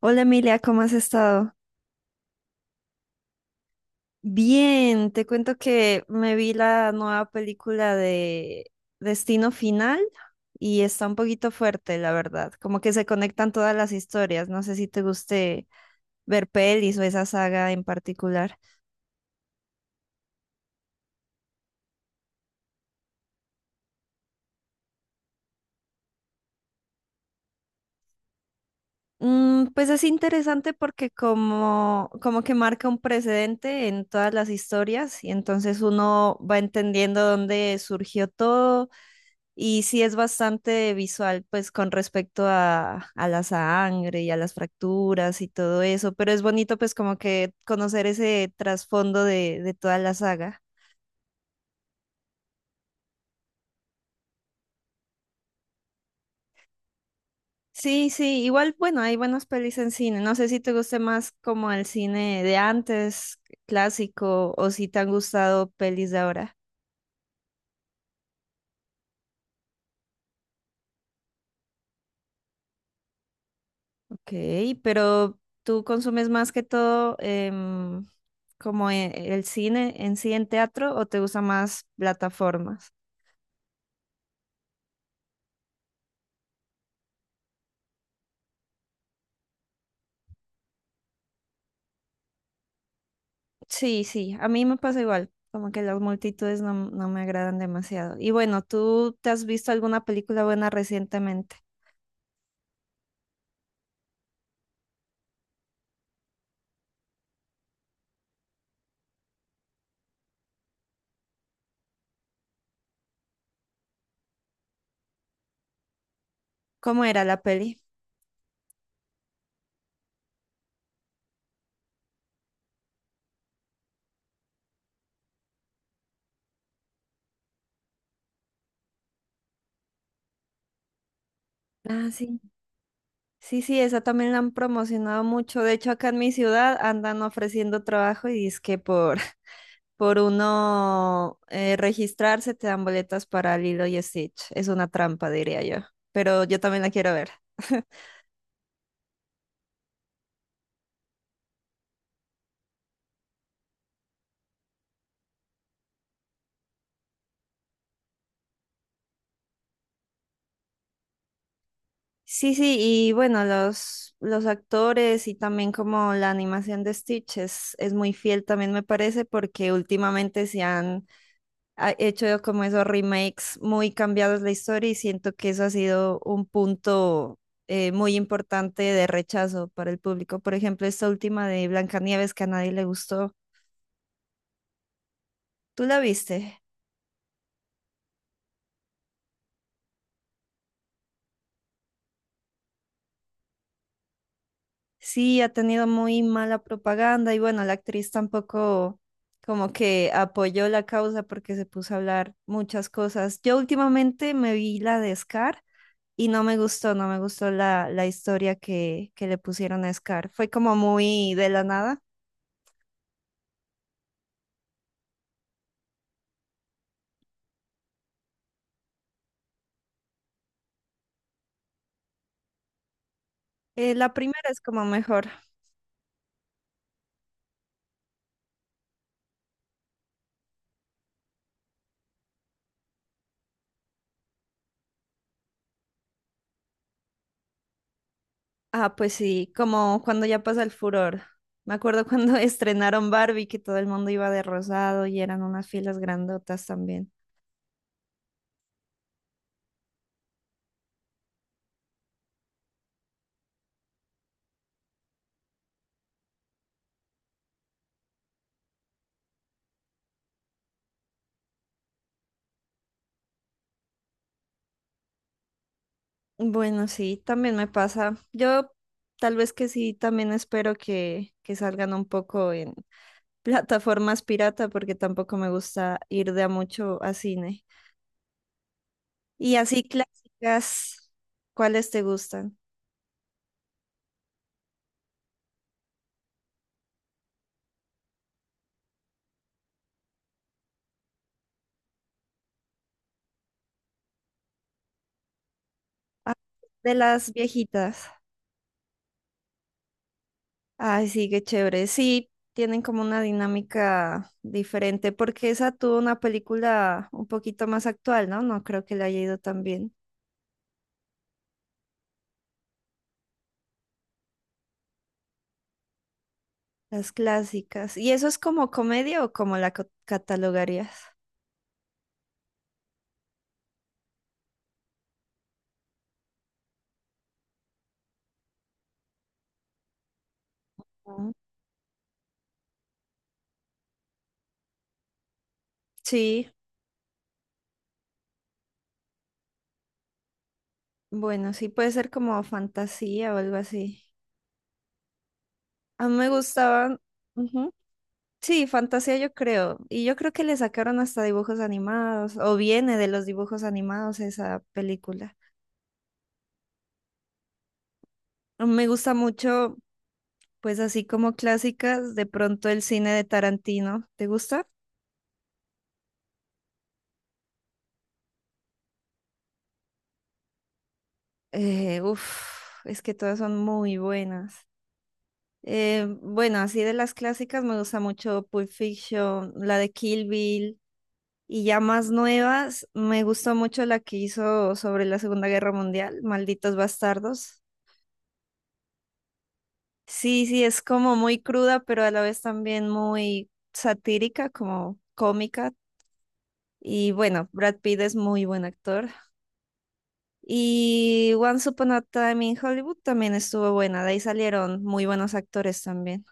Hola Emilia, ¿cómo has estado? Bien, te cuento que me vi la nueva película de Destino Final y está un poquito fuerte, la verdad. Como que se conectan todas las historias. No sé si te guste ver pelis o esa saga en particular. Pues es interesante porque como que marca un precedente en todas las historias y entonces uno va entendiendo dónde surgió todo y sí es bastante visual pues con respecto a la sangre y a las fracturas y todo eso, pero es bonito pues como que conocer ese trasfondo de toda la saga. Sí, sí, igual, bueno, hay buenas pelis en cine. No sé si te guste más como el cine de antes, clásico, o si te han gustado pelis de ahora. Ok, pero tú consumes más que todo como el cine en sí en teatro o te gustan más plataformas. Sí, sí, a mí me pasa igual, como que las multitudes no, no me agradan demasiado. Y bueno, ¿tú te has visto alguna película buena recientemente? ¿Cómo era la peli? Ah, sí. Sí, sí, esa también la han promocionado mucho. De hecho, acá en mi ciudad andan ofreciendo trabajo y es que por, por uno registrarse te dan boletas para Lilo y Stitch. Es una trampa, diría yo. Pero yo también la quiero ver. Sí, sí, y bueno, los actores y también como la animación de Stitch es muy fiel también me parece porque últimamente se han ha hecho como esos remakes muy cambiados la historia y siento que eso ha sido un punto muy importante de rechazo para el público. Por ejemplo, esta última de Blancanieves que a nadie le gustó. ¿Tú la viste? Sí, ha tenido muy mala propaganda y bueno, la actriz tampoco como que apoyó la causa porque se puso a hablar muchas cosas. Yo últimamente me vi la de Scar. Y no me gustó, no me gustó la, la historia que le pusieron a Scar. Fue como muy de la nada. La primera es como mejor. Ah, pues sí, como cuando ya pasa el furor. Me acuerdo cuando estrenaron Barbie, que todo el mundo iba de rosado y eran unas filas grandotas también. Bueno, sí, también me pasa. Yo tal vez que sí, también espero que salgan un poco en plataformas pirata, porque tampoco me gusta ir de a mucho a cine. Y así clásicas, ¿cuáles te gustan? De las viejitas. Ay, sí, qué chévere. Sí, tienen como una dinámica diferente, porque esa tuvo una película un poquito más actual, ¿no? No creo que le haya ido tan bien. Las clásicas. ¿Y eso es como comedia o como la catalogarías? Ah. Sí, bueno, sí puede ser como fantasía o algo así. A mí me gustaban. Ujú. Sí, fantasía yo creo. Y yo creo que le sacaron hasta dibujos animados, o viene de los dibujos animados esa película. Me gusta mucho. Pues así como clásicas, de pronto el cine de Tarantino. ¿Te gusta? Eh, uf, es que todas son muy buenas. Bueno, así de las clásicas me gusta mucho Pulp Fiction, la de Kill Bill y ya más nuevas, me gustó mucho la que hizo sobre la Segunda Guerra Mundial, Malditos Bastardos. Sí, sí, es como muy cruda, pero a la vez también muy satírica, como cómica. Y bueno, Brad Pitt es muy buen actor. Y Once Upon a Time in Hollywood también estuvo buena, de ahí salieron muy buenos actores también.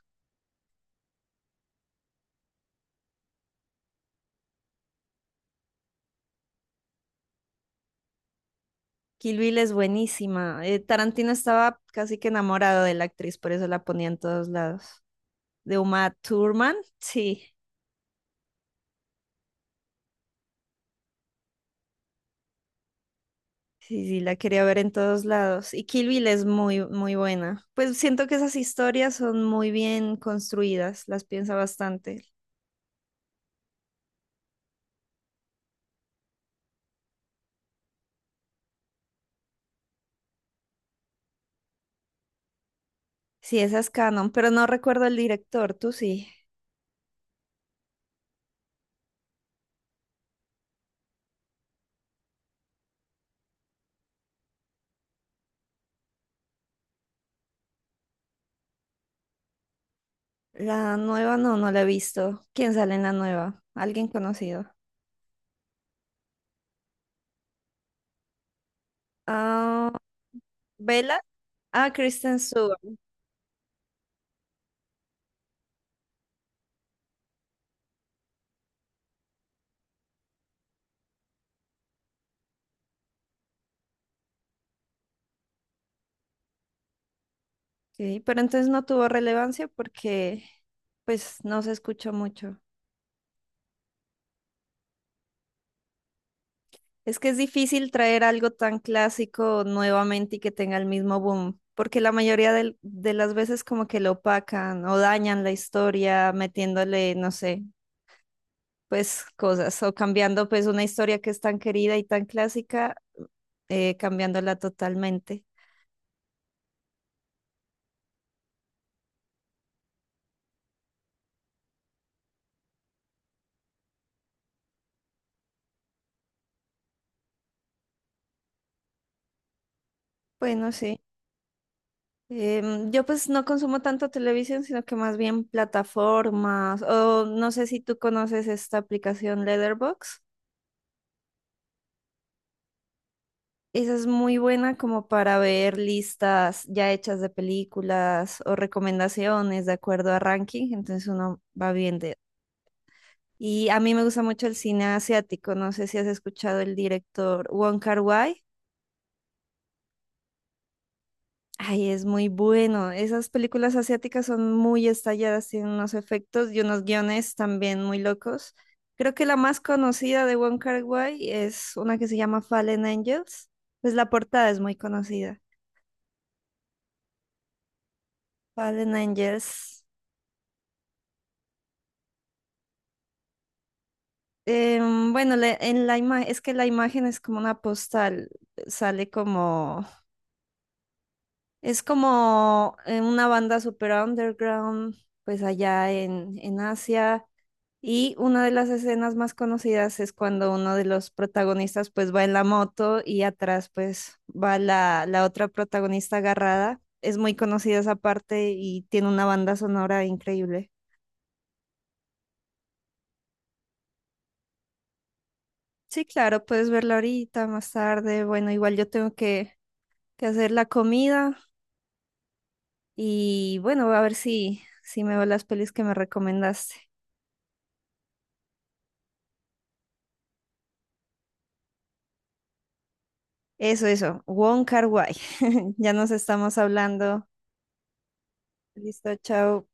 Kill Bill es buenísima. Tarantino estaba casi que enamorado de la actriz, por eso la ponía en todos lados. De Uma Thurman, sí, sí, sí, la quería ver en todos lados. Y Kill Bill es muy, muy buena. Pues siento que esas historias son muy bien construidas, las piensa bastante. Sí, esa es canon, pero no recuerdo el director, tú sí. La nueva no, no la he visto. ¿Quién sale en la nueva? ¿Alguien conocido? Ah, Bella. Ah, Kristen Stewart. Ok, pero entonces no tuvo relevancia porque pues no se escuchó mucho. Es que es difícil traer algo tan clásico nuevamente y que tenga el mismo boom, porque la mayoría de las veces como que lo opacan o dañan la historia metiéndole, no sé, pues cosas o cambiando pues una historia que es tan querida y tan clásica, cambiándola totalmente. Bueno, sí. Yo pues no consumo tanto televisión, sino que más bien plataformas. O no sé si tú conoces esta aplicación Letterboxd. Esa es muy buena como para ver listas ya hechas de películas o recomendaciones de acuerdo a ranking. Entonces uno va viendo. Y a mí me gusta mucho el cine asiático. No sé si has escuchado el director Wong Kar-wai. Ay, es muy bueno. Esas películas asiáticas son muy estalladas, tienen unos efectos y unos guiones también muy locos. Creo que la más conocida de Wong Kar-wai es una que se llama Fallen Angels. Pues la portada es muy conocida. Fallen Angels. Bueno, en la es que la imagen es como una postal, sale como, es como una banda super underground, pues allá en Asia. Y una de las escenas más conocidas es cuando uno de los protagonistas pues va en la moto y atrás pues va la, la otra protagonista agarrada. Es muy conocida esa parte y tiene una banda sonora increíble. Sí, claro, puedes verla ahorita, más tarde. Bueno, igual yo tengo que hacer la comida y bueno, voy a ver si, si me veo las pelis que me recomendaste. Eso, Wong Kar-wai. Ya nos estamos hablando. Listo, chao.